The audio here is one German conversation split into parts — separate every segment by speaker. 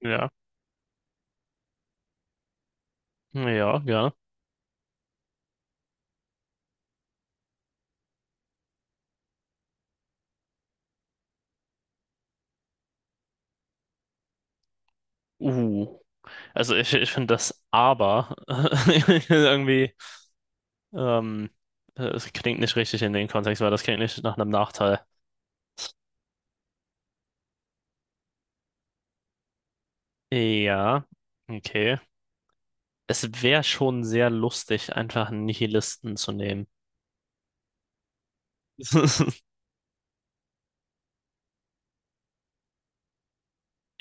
Speaker 1: Ja, ja, gerne. Uh, also ich finde das aber irgendwie, ähm, es klingt nicht richtig in den Kontext, weil das klingt nicht nach einem Nachteil. Ja, okay. Es wäre schon sehr lustig, einfach einen Nihilisten zu nehmen.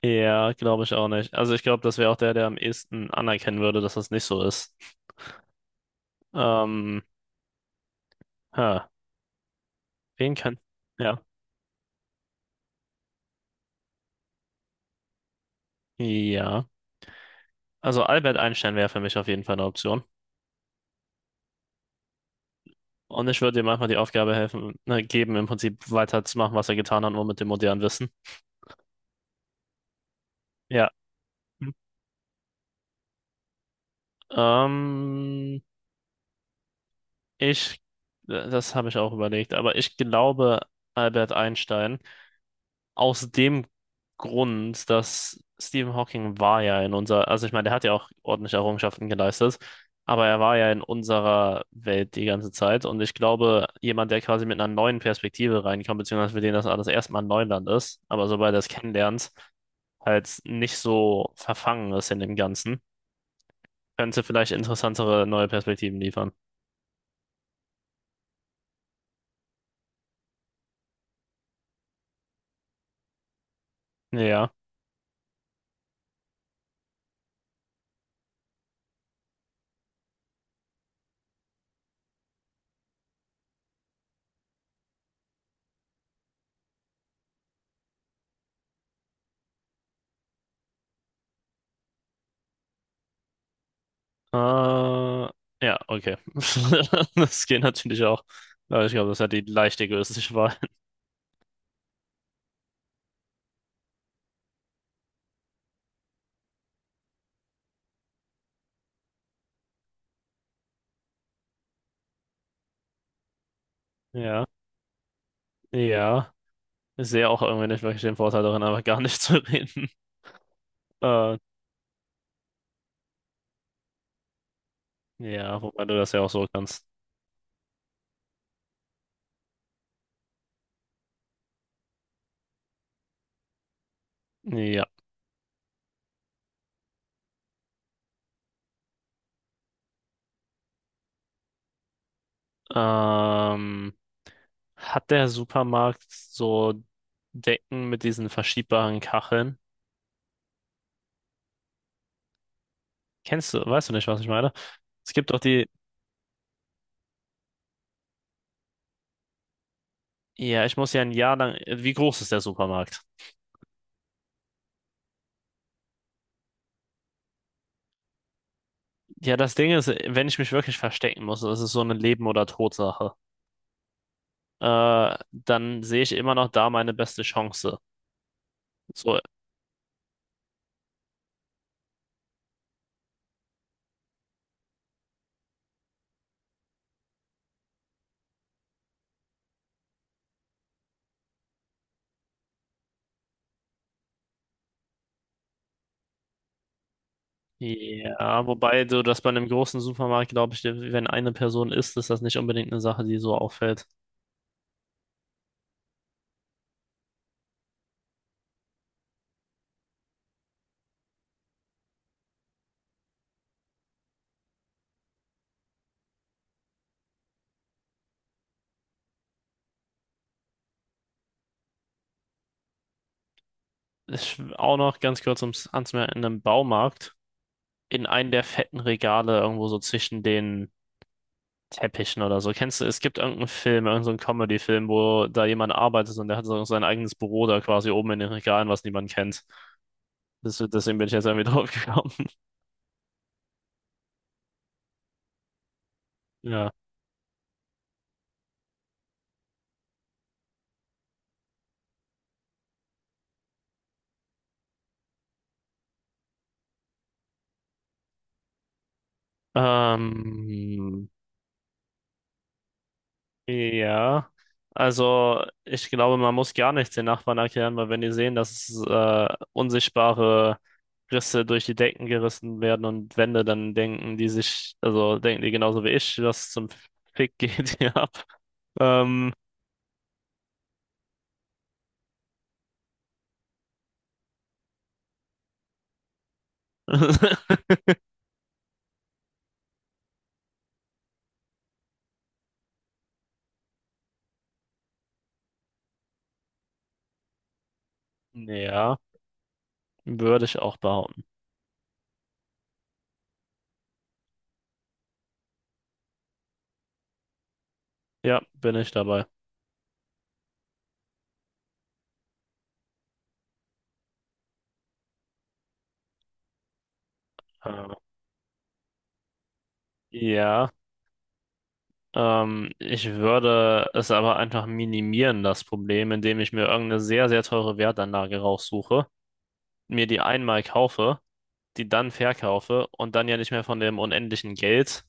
Speaker 1: Ja, glaube ich auch nicht. Also ich glaube, das wäre auch der am ehesten anerkennen würde, dass das nicht so ist. Ähm, ha, wen kann? Ja. Ja. Also Albert Einstein wäre für mich auf jeden Fall eine Option. Und ich würde ihm einfach die Aufgabe helfen, ne, geben, im Prinzip weiterzumachen, was er getan hat, nur mit dem modernen Wissen. Ja. Hm. Ähm, ich, das habe ich auch überlegt, aber ich glaube Albert Einstein aus dem Grund, dass Stephen Hawking war ja in unserer, also ich meine, der hat ja auch ordentliche Errungenschaften geleistet, aber er war ja in unserer Welt die ganze Zeit und ich glaube, jemand, der quasi mit einer neuen Perspektive reinkommt, beziehungsweise für den das alles erstmal Neuland ist, aber sobald er es kennenlernt, halt nicht so verfangen ist in dem Ganzen. Könnte vielleicht interessantere neue Perspektiven liefern. Ja. Äh, ja, okay. Das geht natürlich auch. Aber ich glaube, das hat die leicht egoistische Wahl. Ja. Ja. Ich sehe auch irgendwie nicht wirklich den Vorteil darin, einfach gar nicht zu reden. Äh, ja, wobei du das ja auch so kannst. Ja. Ähm, hat der Supermarkt so Decken mit diesen verschiebbaren Kacheln? Kennst du, weißt du nicht, was ich meine? Es gibt doch die, ja, ich muss ja ein Jahr lang. Wie groß ist der Supermarkt? Ja, das Ding ist, wenn ich mich wirklich verstecken muss, das ist so eine Leben- oder Tod-Sache, dann sehe ich immer noch da meine beste Chance. So, ja, wobei so, dass bei einem großen Supermarkt, glaube ich, wenn eine Person ist, ist das nicht unbedingt eine Sache, die so auffällt. Ich, auch noch ganz kurz ums, anzumerken: in einem Baumarkt, in einem der fetten Regale irgendwo so zwischen den Teppichen oder so. Kennst du, es gibt irgendeinen Film, irgendeinen Comedy-Film, wo da jemand arbeitet und der hat so sein eigenes Büro da quasi oben in den Regalen, was niemand kennt. Das, deswegen bin ich jetzt irgendwie drauf gekommen. Ja. Ähm, ja. Also, ich glaube, man muss gar nichts den Nachbarn erklären, weil wenn die sehen, dass unsichtbare Risse durch die Decken gerissen werden und Wände, dann denken die sich, also denken die genauso wie ich, was zum Fick geht hier ab. Ähm, ja. Würde ich auch behaupten. Ja, bin ich dabei. Äh, Ja, ich würde es aber einfach minimieren, das Problem, indem ich mir irgendeine sehr, sehr teure Wertanlage raussuche, mir die einmal kaufe, die dann verkaufe und dann ja nicht mehr von dem unendlichen Geld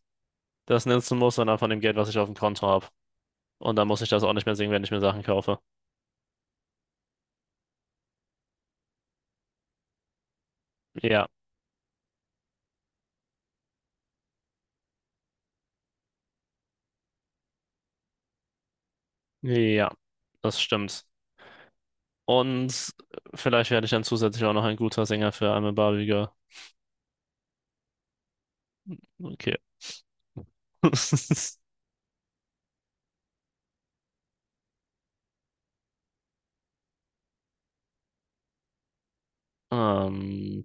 Speaker 1: das nutzen muss, sondern von dem Geld, was ich auf dem Konto habe. Und dann muss ich das auch nicht mehr sehen, wenn ich mir Sachen kaufe. Ja, ja, das stimmt. Und vielleicht werde ich dann zusätzlich auch noch ein guter Sänger für I'm a Barbie Girl. Okay. Ähm,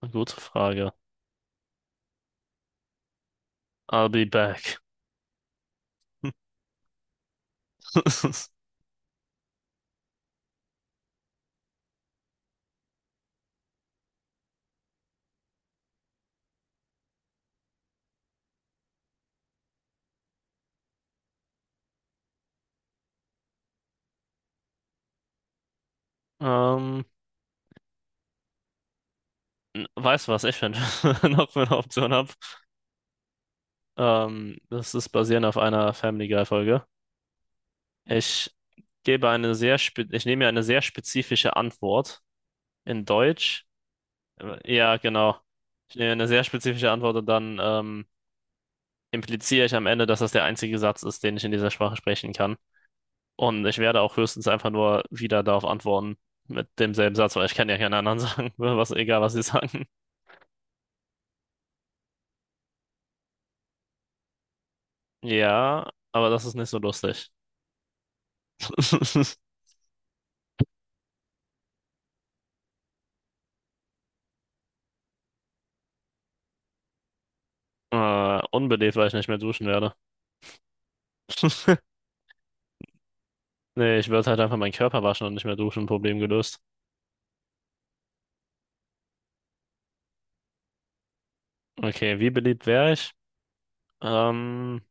Speaker 1: eine gute Frage. I'll be back. Ähm, n- weißt du, was ich finde? Noch für eine Option habe. Das ist basierend auf einer Family Guy Folge. Ich gebe eine sehr spe ich nehme mir eine sehr spezifische Antwort in Deutsch. Ja, genau. Ich nehme eine sehr spezifische Antwort und dann impliziere ich am Ende, dass das der einzige Satz ist, den ich in dieser Sprache sprechen kann. Und ich werde auch höchstens einfach nur wieder darauf antworten mit demselben Satz, weil ich kann ja keinen anderen sagen, was, egal was sie sagen. Ja, aber das ist nicht so lustig. Unbelebt, weil ich nicht mehr duschen werde. Nee, ich würde halt einfach meinen Körper waschen und nicht mehr duschen, Problem gelöst. Okay, wie beliebt wäre ich? Ähm,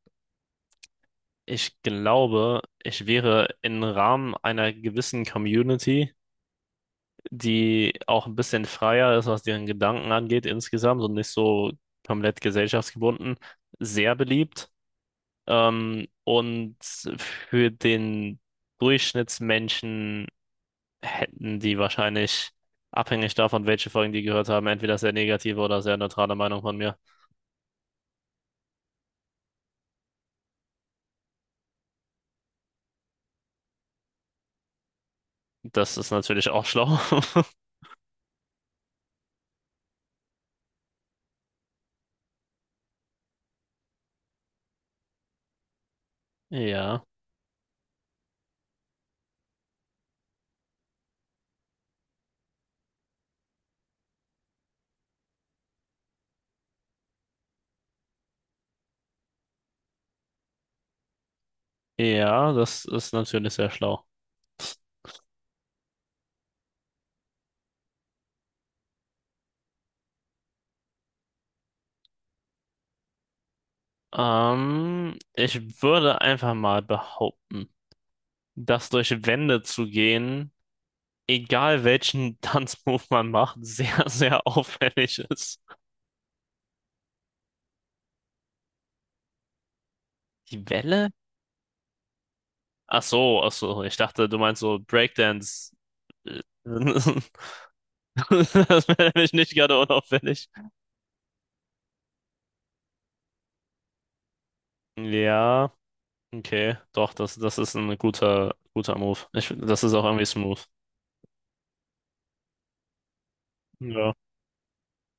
Speaker 1: ich glaube, ich wäre im Rahmen einer gewissen Community die auch ein bisschen freier ist, was ihren Gedanken angeht insgesamt und nicht so komplett gesellschaftsgebunden, sehr beliebt. Und für den Durchschnittsmenschen hätten die wahrscheinlich, abhängig davon, welche Folgen die gehört haben, entweder sehr negative oder sehr neutrale Meinung von mir. Das ist natürlich auch schlau. Ja, ja, das ist natürlich sehr schlau. Ich würde einfach mal behaupten, das durch Wände zu gehen, egal welchen Tanzmove man macht, sehr, sehr auffällig ist. Die Welle? Ach so, ich dachte, du meinst so Breakdance. Äh, Das wäre nämlich nicht gerade unauffällig. Ja, okay, doch, das ist ein guter, guter Move. Ich, das ist auch irgendwie smooth. Ja.